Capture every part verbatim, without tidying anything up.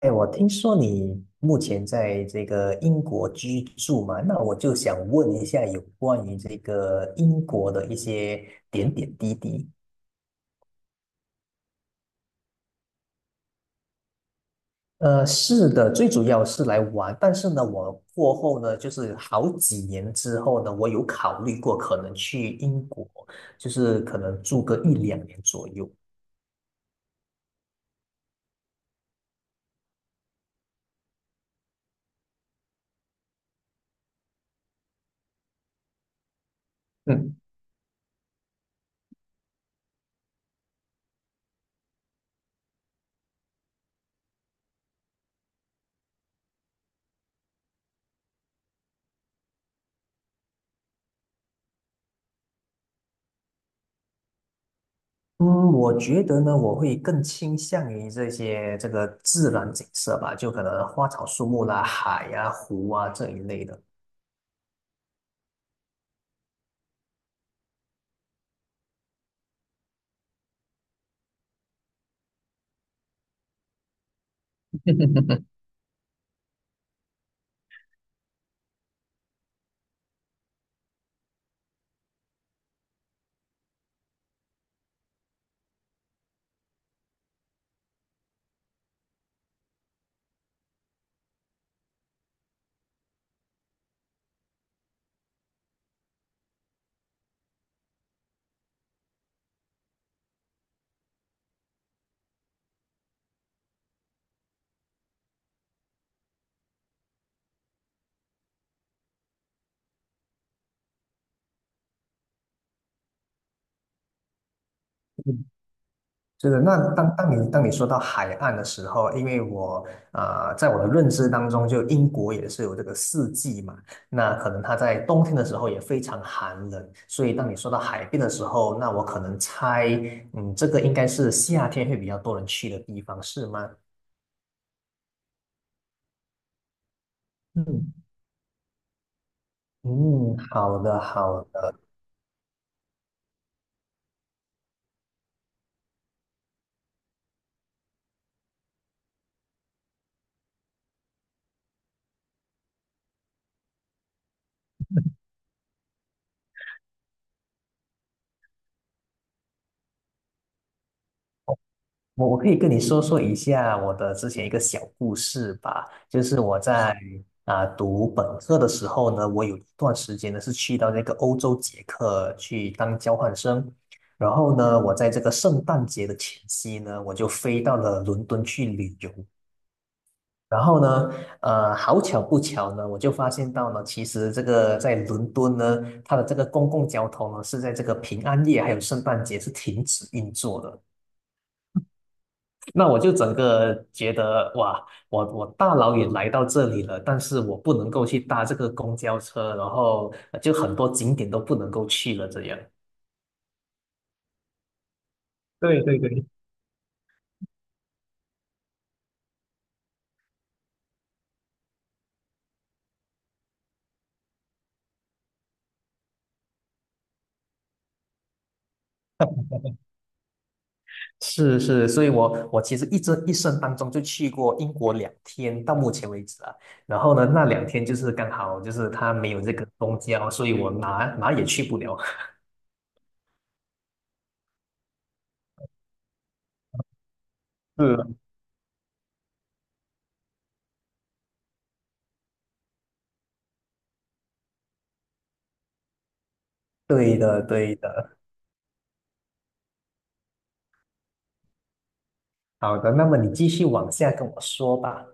哎，我听说你目前在这个英国居住嘛，那我就想问一下有关于这个英国的一些点点滴滴。呃，是的，最主要是来玩，但是呢，我过后呢，就是好几年之后呢，我有考虑过可能去英国，就是可能住个一两年左右。嗯。嗯，我觉得呢，我会更倾向于这些这个自然景色吧，就可能花草树木啦、海呀、湖啊这一类的。嗯，就是那当当你当你说到海岸的时候，因为我呃，在我的认知当中，就英国也是有这个四季嘛，那可能它在冬天的时候也非常寒冷，所以当你说到海边的时候，那我可能猜，嗯，这个应该是夏天会比较多人去的地方，是吗？嗯，嗯，好的好的。我我可以跟你说说一下我的之前一个小故事吧，就是我在啊、读本科的时候呢，我有一段时间呢是去到那个欧洲捷克去当交换生，然后呢，我在这个圣诞节的前夕呢，我就飞到了伦敦去旅游。然后呢，呃，好巧不巧呢，我就发现到呢，其实这个在伦敦呢，它的这个公共交通呢是在这个平安夜还有圣诞节是停止运作的。那我就整个觉得哇，我我大老远来到这里了，但是我不能够去搭这个公交车，然后呃就很多景点都不能够去了，这样。对对对，是是，所以我我其实一这一生当中就去过英国两天，到目前为止啊。然后呢，那两天就是刚好就是他没有这个公交，所以我哪哪也去不了。嗯，对的，对的。好的，那么你继续往下跟我说吧。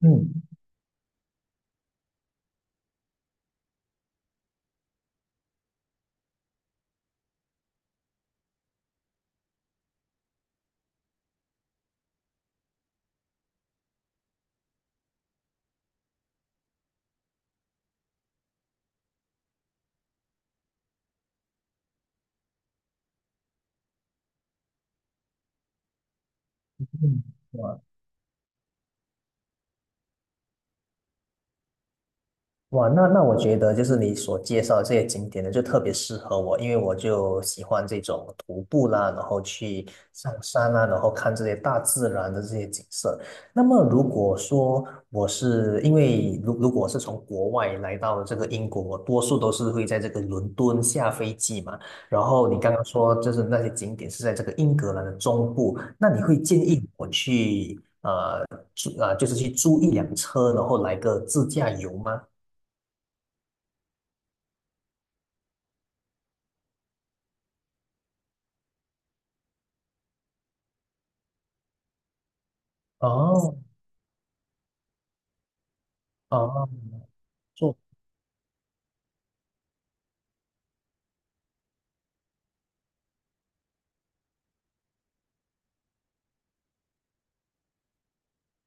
嗯嗯，哇，那那我觉得就是你所介绍的这些景点呢，就特别适合我，因为我就喜欢这种徒步啦，然后去上山啦，然后看这些大自然的这些景色。那么如果说我是因为如如果我是从国外来到这个英国，我多数都是会在这个伦敦下飞机嘛。然后你刚刚说就是那些景点是在这个英格兰的中部，那你会建议我去租啊，就是去租一辆车，然后来个自驾游吗？哦，哦，做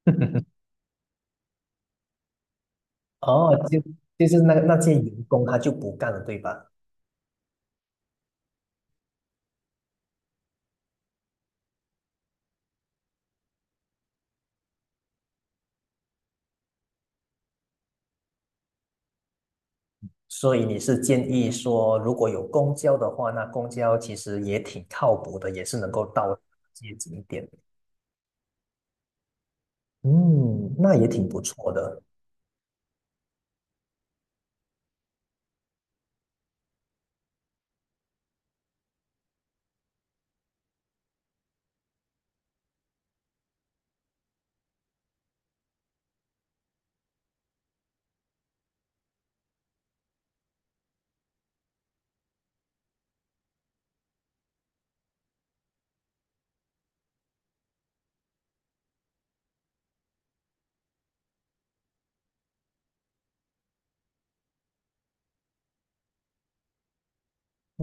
哦，就就是那那些员工他就不干了，对吧？所以你是建议说，如果有公交的话，那公交其实也挺靠谱的，也是能够到街景点。嗯，那也挺不错的。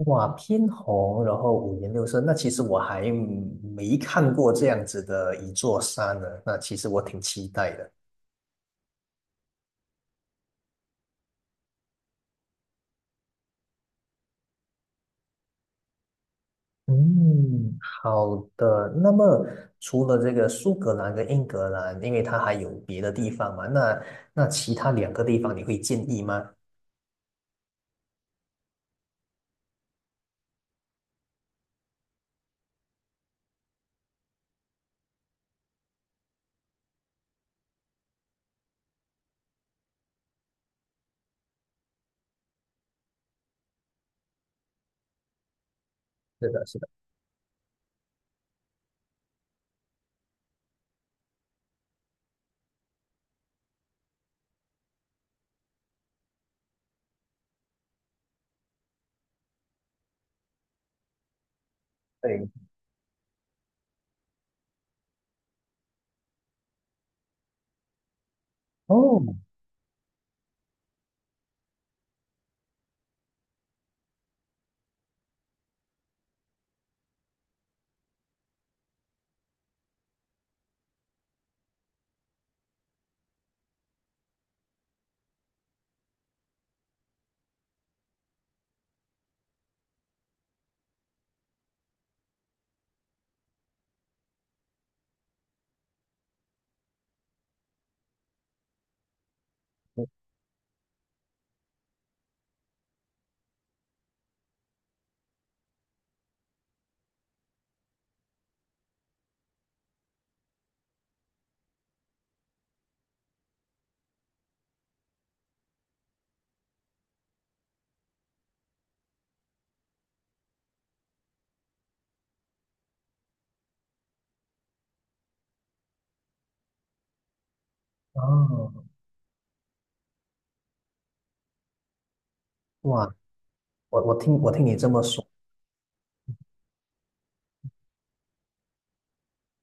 哇，偏红，然后五颜六色，那其实我还没看过这样子的一座山呢，那其实我挺期待的。嗯，好的。那么除了这个苏格兰跟英格兰，因为它还有别的地方嘛，那那其他两个地方你会建议吗？是的，是的，对，哦，啊，哇，我我听我听你这么说，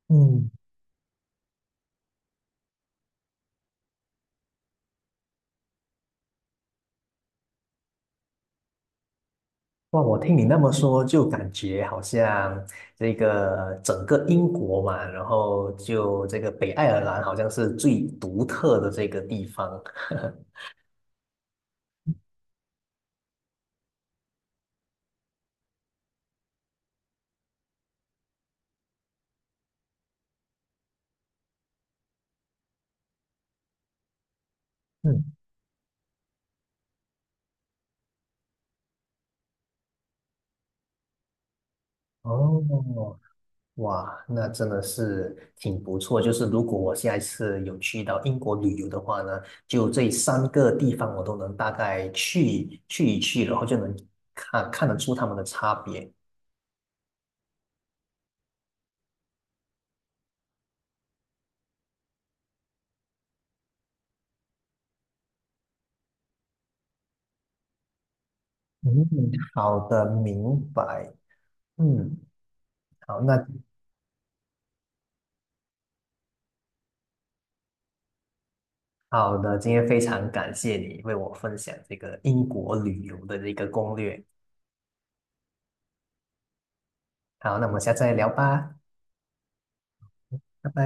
嗯，哇，我听你那么说，就感觉好像这个整个英国嘛，然后就这个北爱尔兰好像是最独特的这个地方。嗯，哦，哇，那真的是挺不错。就是如果我下一次有去到英国旅游的话呢，就这三个地方我都能大概去去一去，然后就能看看得出他们的差别。嗯，好的，明白。嗯，好，那好的，今天非常感谢你为我分享这个英国旅游的这个攻略。好，那我们下次再聊吧，拜拜。